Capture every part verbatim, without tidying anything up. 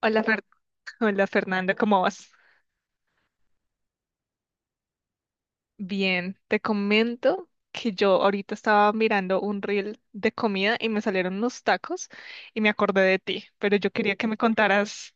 Hola, Fer- Hola Fernando, ¿cómo vas? Bien, te comento que yo ahorita estaba mirando un reel de comida y me salieron unos tacos y me acordé de ti, pero yo quería que me contaras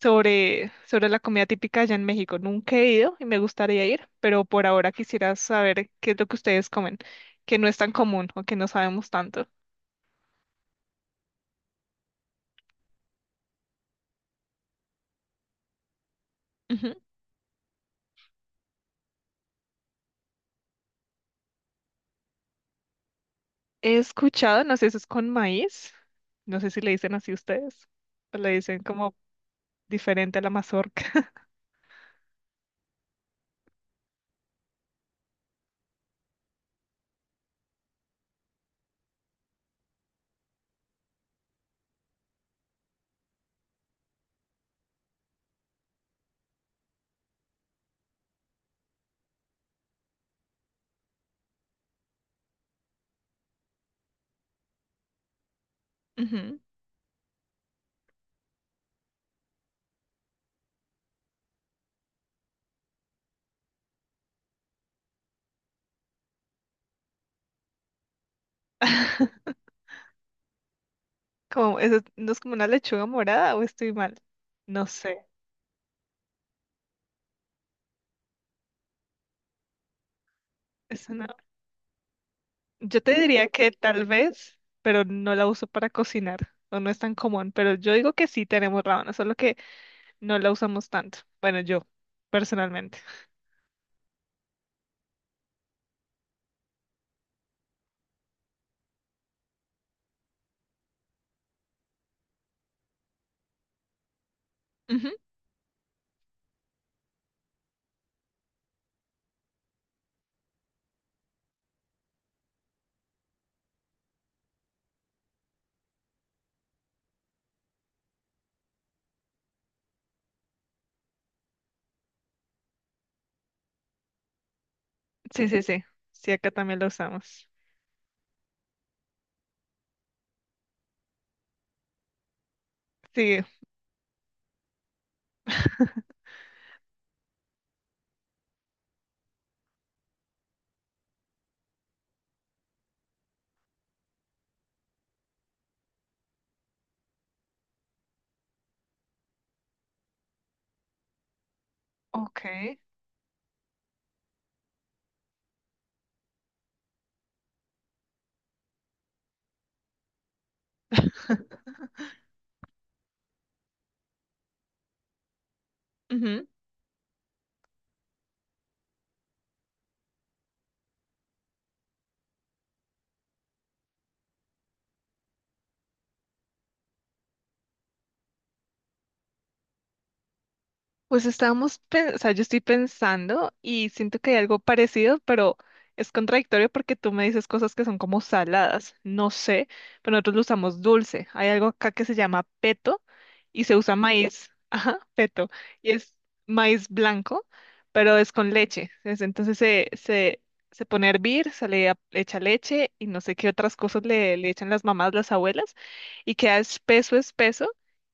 sobre, sobre la comida típica allá en México. Nunca he ido y me gustaría ir, pero por ahora quisiera saber qué es lo que ustedes comen, que no es tan común o que no sabemos tanto. Ujú. He escuchado, no sé si es con maíz, no sé si le dicen así ustedes, o le dicen como diferente a la mazorca. Ujú. Como, eso, ¿no es como una lechuga morada o estoy mal? No sé. Es una... Yo te diría que tal vez, pero no la uso para cocinar o no es tan común, pero yo digo que sí tenemos rábano, solo que no la usamos tanto. Bueno, yo, personalmente. Ujú. Sí, sí, sí. Sí, acá también la usamos. Sí. Ok. Ujú. Pues estábamos, pen- o sea, yo estoy pensando y siento que hay algo parecido, pero es contradictorio porque tú me dices cosas que son como saladas, no sé, pero nosotros lo usamos dulce. Hay algo acá que se llama peto y se usa maíz, ajá, peto, y es maíz blanco, pero es con leche. Es- Entonces se, se, se pone a hervir, se le a- le echa leche y no sé qué otras cosas le, le echan las mamás, las abuelas, y queda espeso, espeso.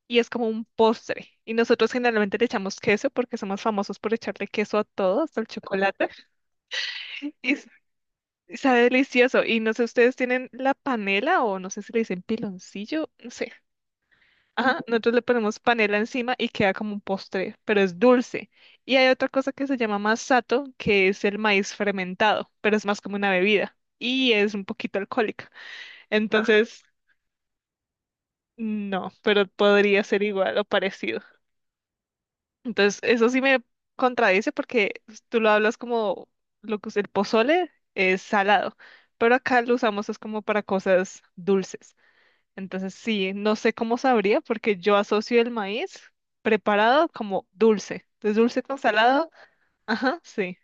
Y es como un postre. Y nosotros generalmente le echamos queso porque somos famosos por echarle queso a todo, hasta el chocolate. Y s- y sabe delicioso. Y no sé, ustedes tienen la panela o no sé si le dicen piloncillo, no sé. Ajá, nosotros le ponemos panela encima y queda como un postre, pero es dulce. Y hay otra cosa que se llama masato, que es el maíz fermentado, pero es más como una bebida y es un poquito alcohólica. Entonces, no, pero podría ser igual o parecido. Entonces, eso sí me contradice porque pues, tú lo hablas como lo que es el pozole es salado, pero acá lo usamos es como para cosas dulces. Entonces, sí, no sé cómo sabría porque yo asocio el maíz preparado como dulce. Entonces, dulce con salado, ajá, sí.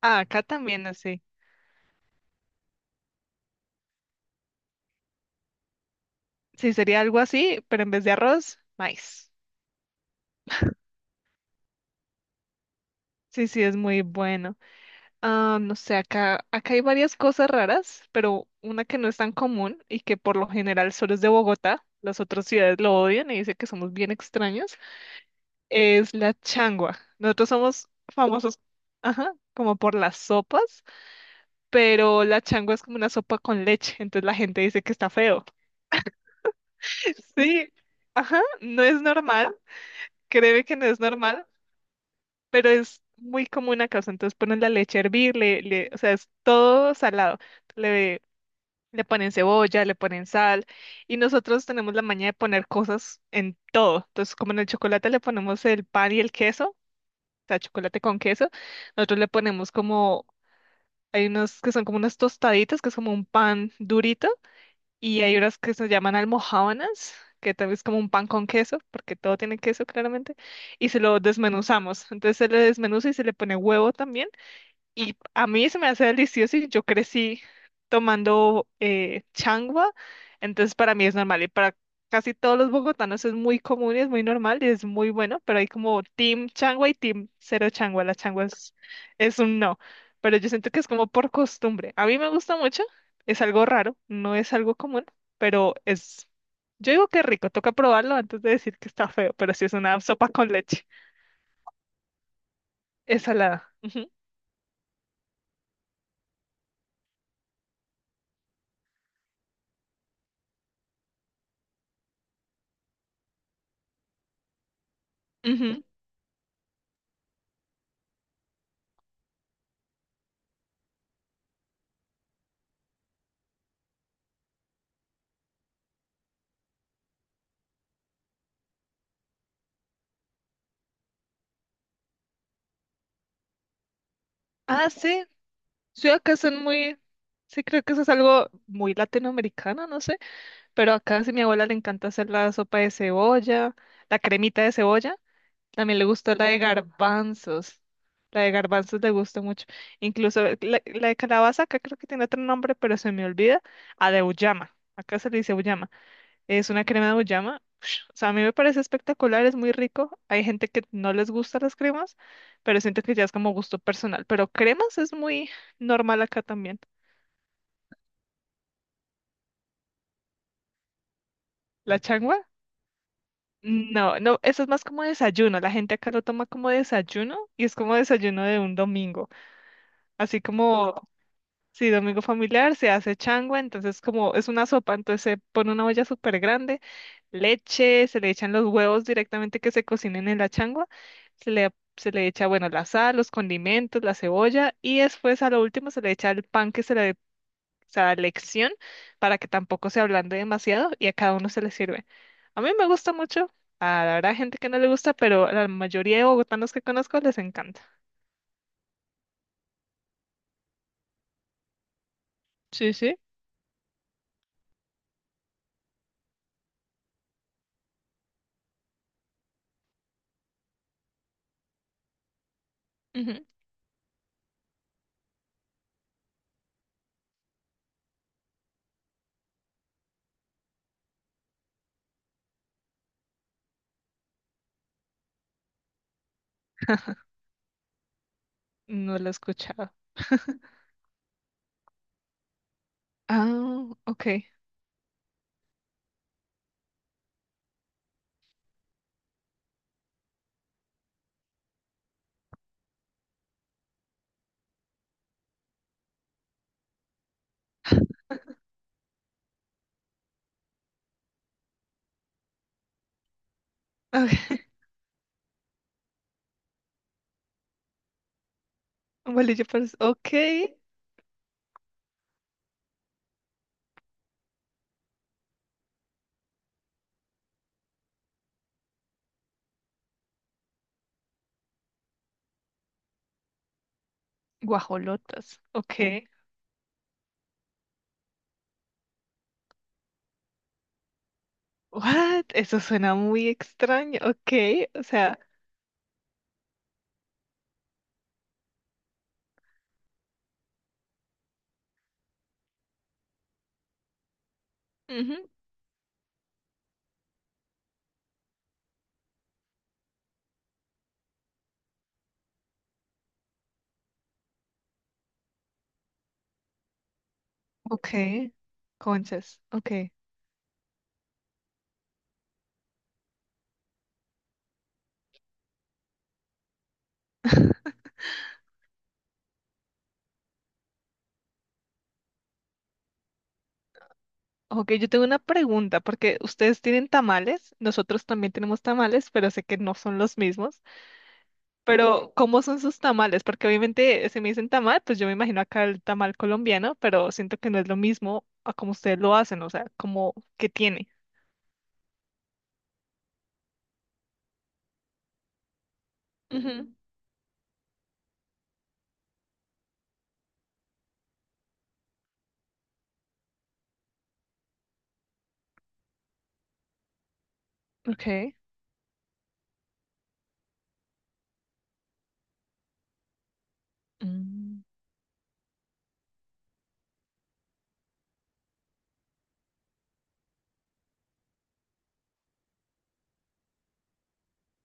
Ah, acá también así. Sí, sería algo así, pero en vez de arroz, maíz. Sí, sí, es muy bueno. Ah, no sé, acá, acá hay varias cosas raras, pero una que no es tan común y que por lo general solo es de Bogotá, las otras ciudades lo odian y dicen que somos bien extraños, es la changua. Nosotros somos famosos, ajá, como por las sopas, pero la changua es como una sopa con leche, entonces la gente dice que está feo. Sí, ajá, no es normal, créeme que no es normal, pero es muy común acá, o sea, entonces ponen la leche a hervir, le, le- o sea, es todo salado le Le ponen cebolla, le ponen sal y nosotros tenemos la maña de poner cosas en todo. Entonces, como en el chocolate le ponemos el pan y el queso, o sea, chocolate con queso, nosotros le ponemos como, hay unos que son como unas tostaditas, que es como un pan durito, y hay unas que se llaman almojábanas, que también es como un pan con queso, porque todo tiene queso claramente, y se lo desmenuzamos. Entonces se le desmenuza y se le pone huevo también. Y a mí se me hace delicioso y yo crecí tomando eh, changua, entonces para mí es normal y para casi todos los bogotanos es muy común y es muy normal y es muy bueno, pero hay como team changua y team cero changua, la changua es, es un no, pero yo siento que es como por costumbre. A mí me gusta mucho, es algo raro, no es algo común, pero es, yo digo que es rico, toca probarlo antes de decir que está feo, pero sí es una sopa con leche, es salada. Ujú, ujú. Ah, sí, sí, acá son muy, sí creo que eso es algo muy latinoamericano, no sé, pero acá sí mi abuela le encanta hacer la sopa de cebolla, la cremita de cebolla, también le gusta la de garbanzos, la de garbanzos le gusta mucho, incluso la, la de calabaza acá creo que tiene otro nombre, pero se me olvida, a de acá se le dice uyama. Es una crema de uyama. O sea, a mí me parece espectacular, es muy rico. Hay gente que no les gustan las cremas, pero siento que ya es como gusto personal. Pero cremas es muy normal acá también. ¿La changua? No, no, eso es más como desayuno. La gente acá lo toma como desayuno y es como desayuno de un domingo. Así como sí, domingo familiar, se hace changua, entonces como es una sopa, entonces se pone una olla súper grande, leche, se le echan los huevos directamente que se cocinen en la changua, se le, se le echa, bueno, la sal, los condimentos, la cebolla y después a lo último se le echa el pan que se le se da lección para que tampoco se ablande demasiado y a cada uno se le sirve. A mí me gusta mucho, a la verdad hay gente que no le gusta, pero a la mayoría de bogotanos que conozco les encanta. Sí, sí. Ujú. No lo he escuchado. Ah, ok. Ok. Bolillo, okay. Ok. Guajolotas. Ok. What? Eso suena muy extraño. Ok. O sea. Ujú. Ok. Conchas. Ok. Ok, yo tengo una pregunta, porque ustedes tienen tamales, nosotros también tenemos tamales, pero sé que no son los mismos. Pero, ¿cómo son sus tamales? Porque obviamente, si me dicen tamal, pues yo me imagino acá el tamal colombiano, pero siento que no es lo mismo a como ustedes lo hacen, o sea, como que tiene. Ujú. Ok. Mm,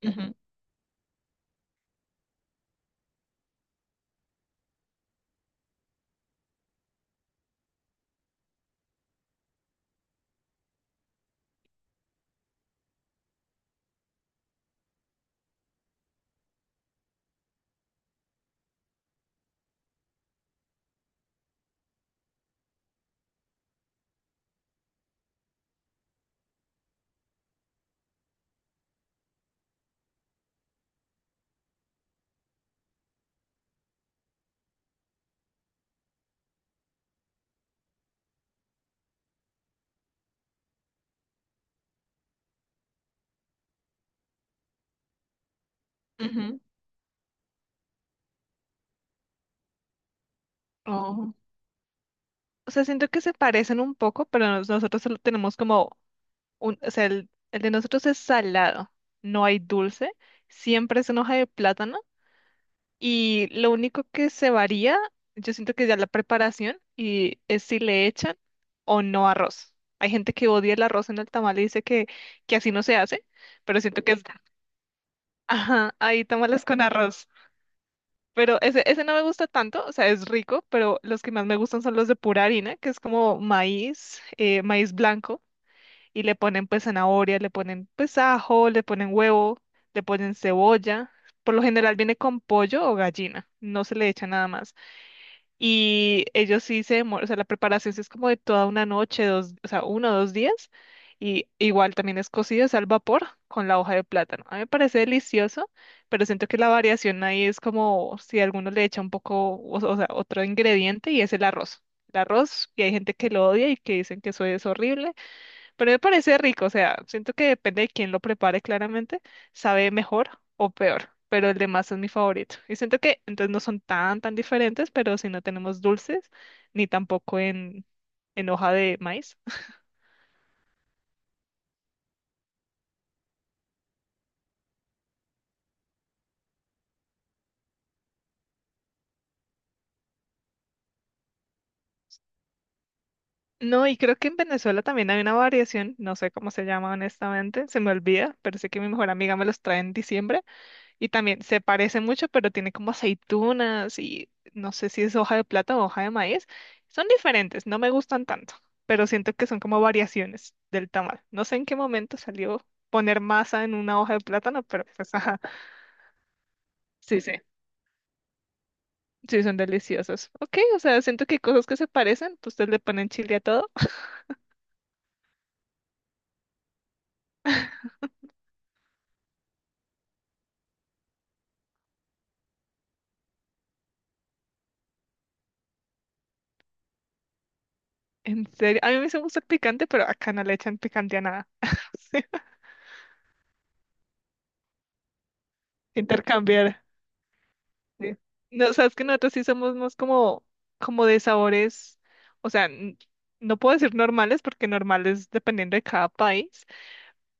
ujú, ujú. Oh. O sea, siento que se parecen un poco, pero nos- nosotros solo tenemos como un, o sea, el, el de nosotros es salado, no hay dulce, siempre es en hoja de plátano y lo único que se varía, yo siento que ya la preparación y es si le echan o no arroz. Hay gente que odia el arroz en el tamal y dice que, que así no se hace, pero siento que es, ajá, hay tamales con arroz. Pero ese, ese no me gusta tanto, o sea, es rico, pero los que más me gustan son los de pura harina, que es como maíz, eh, maíz blanco, y le ponen pues zanahoria, le ponen pues ajo, le ponen huevo, le ponen cebolla. Por lo general viene con pollo o gallina, no se le echa nada más. Y ellos sí se demoran, o sea, la preparación sí es como de toda una noche, dos, o sea, uno o dos días. Y igual también es cocido, es al vapor con la hoja de plátano. A mí me parece delicioso, pero siento que la variación ahí es como si alguno le echa un poco, o, o sea, otro ingrediente y es el arroz. El arroz, y hay gente que lo odia y que dicen que eso es horrible. Pero me parece rico, o sea, siento que depende de quién lo prepare claramente, sabe mejor o peor, pero el de masa es mi favorito. Y siento que entonces no son tan, tan diferentes, pero si no tenemos dulces, ni tampoco en, en hoja de maíz. No, y creo que en Venezuela también hay una variación, no sé cómo se llama honestamente, se me olvida, pero sé que mi mejor amiga me los trae en diciembre. Y también se parece mucho, pero tiene como aceitunas y no sé si es hoja de plátano o hoja de maíz. Son diferentes, no me gustan tanto, pero siento que son como variaciones del tamal. No sé en qué momento salió poner masa en una hoja de plátano, pero pues ajá, sí, sí, sí, son deliciosos. Ok, o sea, siento que hay cosas que se parecen, pues ustedes le ponen chile a todo. En serio, a mí me gusta el picante, pero acá no le echan picante a nada. Sí, intercambiar. Sí. No, sabes que nosotros sí somos más como, como de sabores, o sea, n- no puedo decir normales porque normales dependiendo de cada país,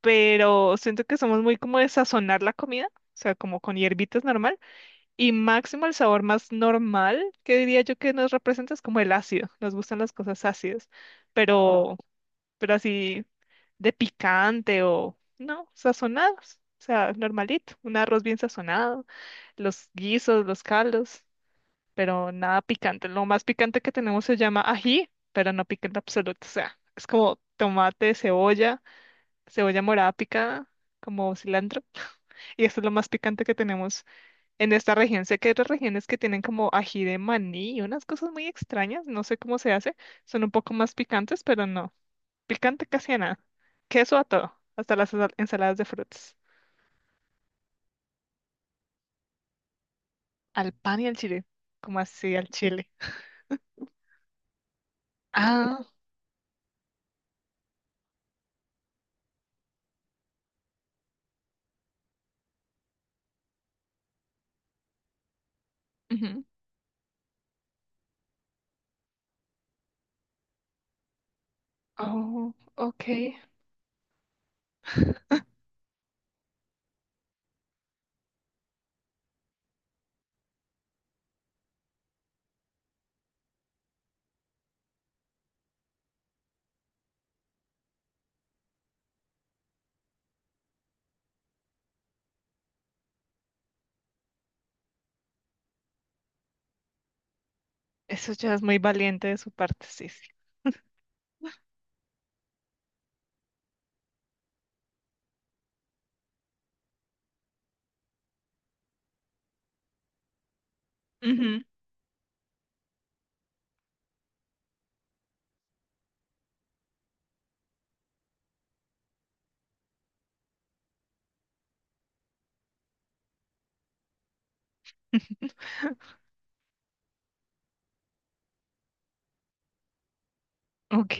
pero siento que somos muy como de sazonar la comida, o sea, como con hierbitas normal, y máximo el sabor más normal que diría yo que nos representa es como el ácido, nos gustan las cosas ácidas, pero, pero así de picante o, no, sazonados, o sea, normalito, un arroz bien sazonado, los guisos, los caldos pero nada picante. Lo más picante que tenemos se llama ají, pero no picante absoluto. O sea, es como tomate, cebolla, cebolla morada picada, como cilantro. Y eso es lo más picante que tenemos en esta región. Sé que hay otras regiones que tienen como ají de maní y unas cosas muy extrañas, no sé cómo se hace. Son un poco más picantes, pero no. Picante casi a nada. Queso a todo, hasta las ensal- ensaladas de frutas. Al pan y al chile. ¿Como así al chile? Ah, ujú. Oh, ok. Eso ya es muy valiente de su parte, sí, sí. Ujú. Ok,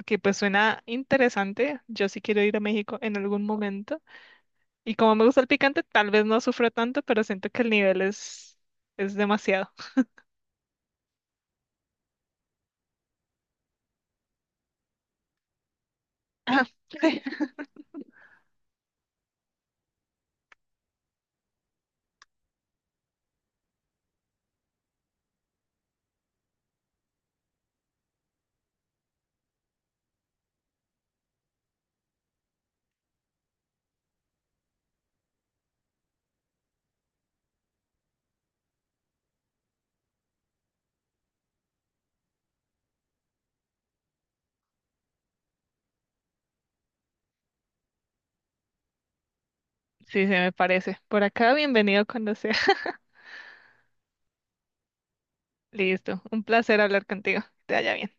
ok, pues suena interesante. Yo sí quiero ir a México en algún momento. Y como me gusta el picante, tal vez no sufro tanto, pero siento que el nivel es, es demasiado. Ah, sí, sí, se me parece. Por acá, bienvenido cuando sea. Listo, un placer hablar contigo. Que te vaya bien.